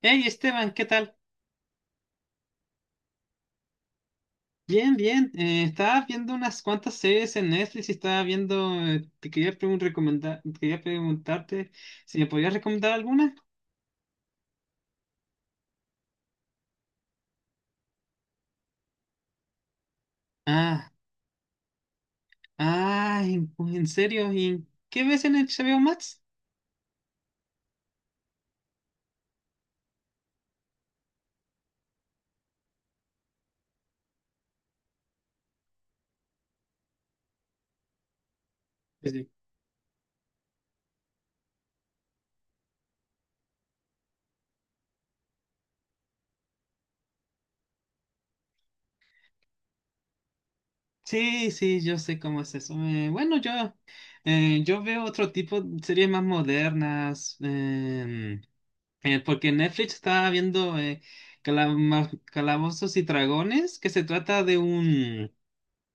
Hey Esteban, ¿qué tal? Bien, bien. Estaba viendo unas cuantas series en Netflix y estaba viendo. Recomendar, quería preguntarte si me podías recomendar alguna. Ah, ah, en serio. ¿Y qué ves en HBO Max? Sí, sí, sí, sí, yo sé cómo es eso. Bueno, yo veo otro tipo de series más modernas. Porque Netflix estaba viendo Calabozos y Dragones, que se trata de un...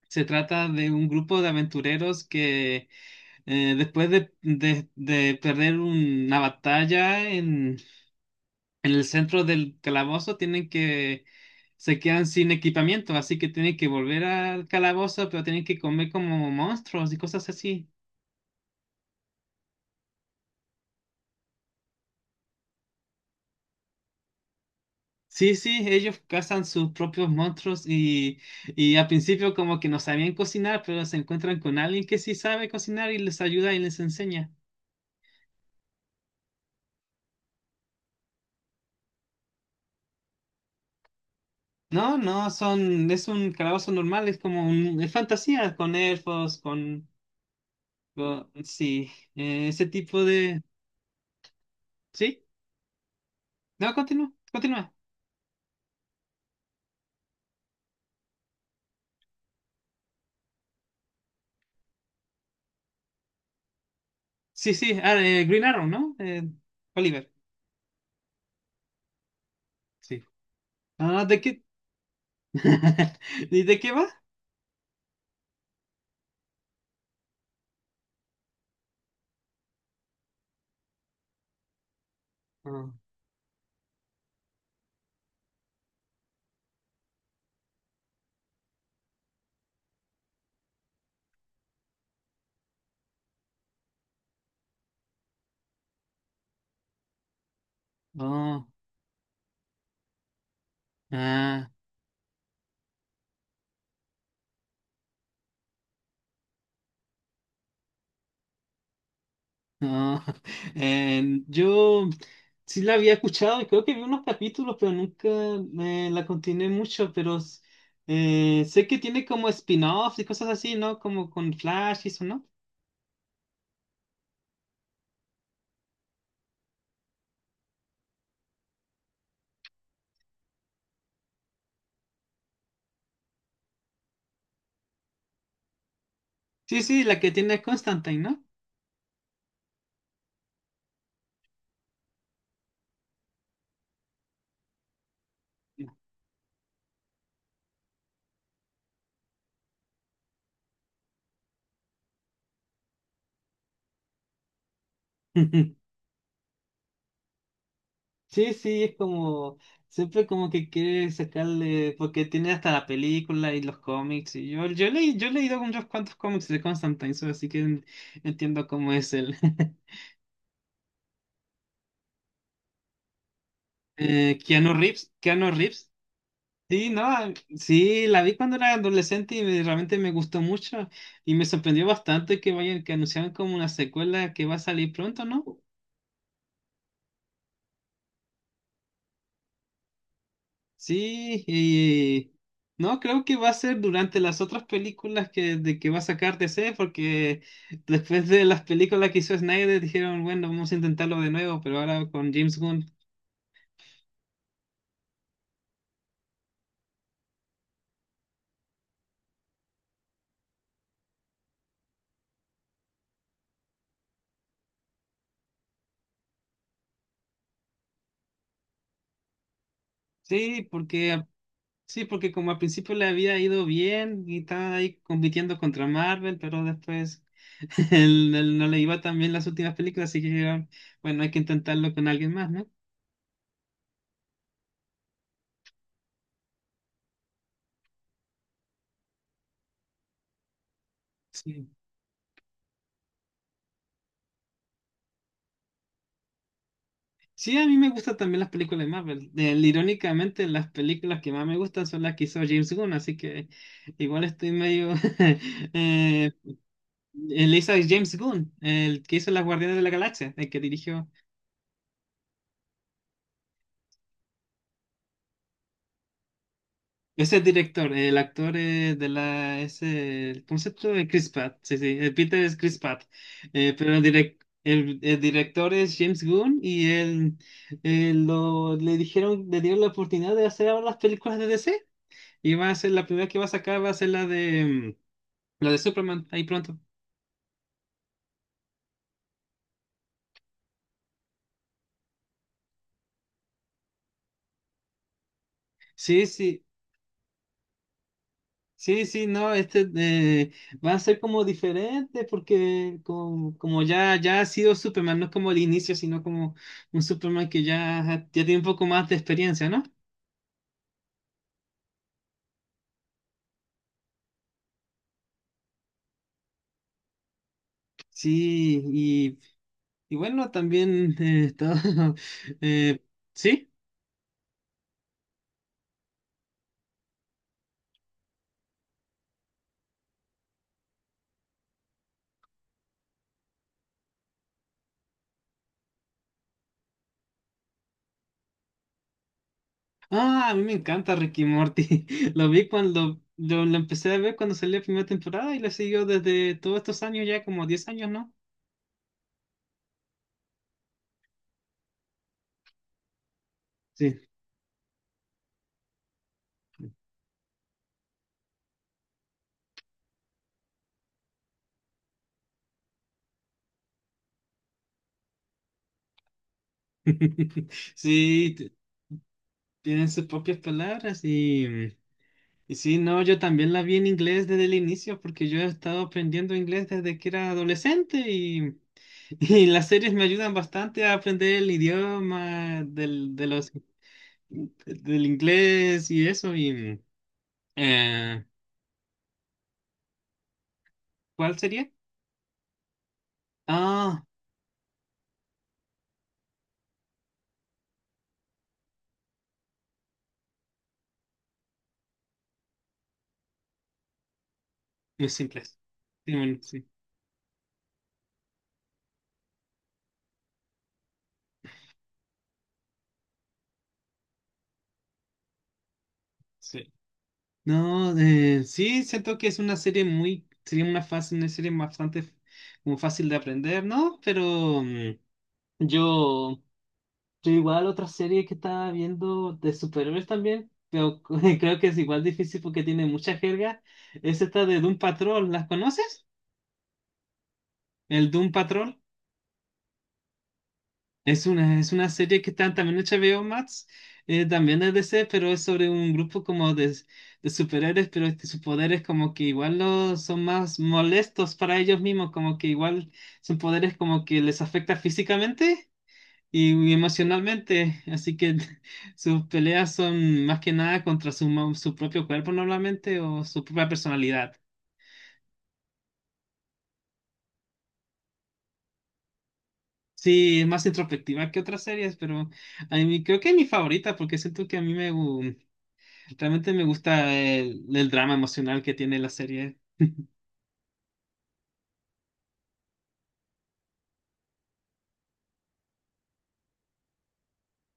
Se trata de un grupo de aventureros que, después de perder una batalla en el centro del calabozo, tienen que... Se quedan sin equipamiento, así que tienen que volver al calabozo, pero tienen que comer como monstruos y cosas así. Sí, sí, ellos cazan sus propios monstruos y al principio como que no sabían cocinar, pero se encuentran con alguien que sí sabe cocinar y les ayuda y les enseña. No, no, son, es un calabozo normal, es como un, es fantasía, con elfos, sí, ese tipo de... Sí, no, continúa, continúa. Sí, sí, ah, Green Arrow, ¿no? Oliver, sí. Ah, ¿de qué? ¿Y de qué va? Ah, oh, ah. No, yo sí la había escuchado y creo que vi unos capítulos, pero nunca me la continué mucho, pero sé que tiene como spin-offs y cosas así, ¿no? Como con Flash y eso, ¿no? Sí, sí, la que tiene Constantine, ¿no? Sí, sí, es como, siempre como que quiere sacarle, porque tiene hasta la película y los cómics, yo leí, yo he leído unos cuantos cómics de Constantine, so, así que entiendo cómo es el... Keanu Reeves, Keanu Reeves. Sí, no, ah, sí, la vi cuando era adolescente y realmente me gustó mucho y me sorprendió bastante que vayan, que anunciaron como una secuela que va a salir pronto, ¿no? Sí, y no, creo que va a ser durante las otras películas de que va a sacar DC, porque después de las películas que hizo Snyder dijeron, bueno, vamos a intentarlo de nuevo, pero ahora con James Gunn. Sí, porque a- sí, porque como al principio le había ido bien y estaba ahí compitiendo contra Marvel, pero después él no le iba tan bien las últimas películas, así que bueno, hay que intentarlo con alguien más, ¿no? Sí. Sí, a mí me gustan también las películas de Marvel. Irónicamente, las películas que más me gustan son las que hizo James Gunn, así que igual estoy medio... eh, él hizo James Gunn, el que hizo Las Guardianes de la Galaxia, el que dirigió... Ese es director, el actor el concepto de Chris Pratt, sí, sí, el Peter es Chris Pratt. Pero el director es James Gunn y él, le dijeron, le dieron la oportunidad de hacer ahora las películas de DC y va a ser la primera que va a sacar, va a ser la de, la de Superman, ahí pronto. Sí, sí. Sí, sí, no, van a ser como diferentes porque como, como ya, ya ha sido Superman, no es como el inicio, sino como un Superman que ya, ya tiene un poco más de experiencia, ¿no? Sí, y bueno, también todo, eh, sí. Ah, a mí me encanta Ricky Morty. Lo vi cuando lo empecé a ver cuando salió la primera temporada y lo siguió desde todos estos años, ya como 10 años, ¿no? Sí. Sí, tienen sus propias palabras y... Y sí, no, yo también la vi en inglés desde el inicio porque yo he estado aprendiendo inglés desde que era adolescente y, y las series me ayudan bastante a aprender el idioma del inglés y eso. Eh, ¿Cuál sería? Ah, muy simples. Sí, bueno, sí, sí. No, sí, siento que es una serie muy, sería una fácil, una serie bastante como fácil de aprender, ¿no? Pero yo... Yo igual otra serie que estaba viendo de superhéroes también, pero creo que es igual difícil porque tiene mucha jerga, es esta de Doom Patrol, ¿las conoces? El Doom Patrol es una serie que está también en HBO Max, también es DC, pero es sobre un grupo como de superhéroes, pero este, sus poderes como que igual son más molestos para ellos mismos, como que igual son poderes como que les afecta físicamente y emocionalmente, así que sus peleas son más que nada contra su, su propio cuerpo normalmente o su propia personalidad. Sí, es más introspectiva que otras series, pero a mí creo que es mi favorita porque siento que a mí me gu- realmente me gusta el drama emocional que tiene la serie.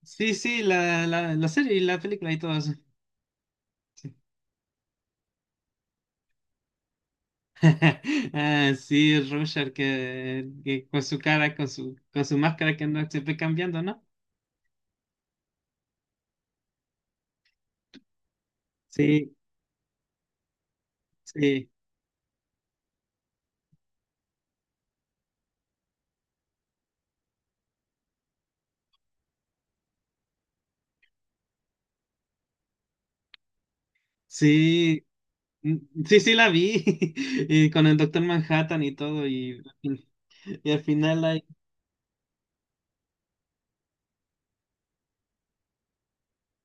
Sí, sí, la serie y la película y todo eso. Ah, sí, Rorschach que con su cara, con su máscara que anda siempre cambiando, ¿no? Sí, sí, sí. Mm, sí, sí la vi, y con el Doctor Manhattan y todo, y al final hay...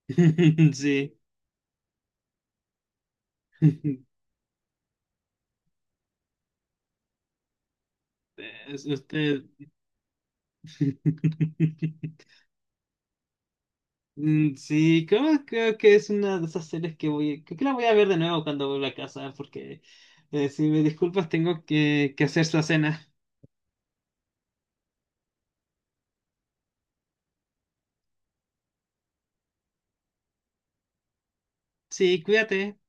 Sí, es usted... Mm, sí, creo, creo que es una de esas series que voy... Creo que la voy a ver de nuevo cuando vuelva a casa, porque si me disculpas tengo que hacer la cena. Sí, cuídate.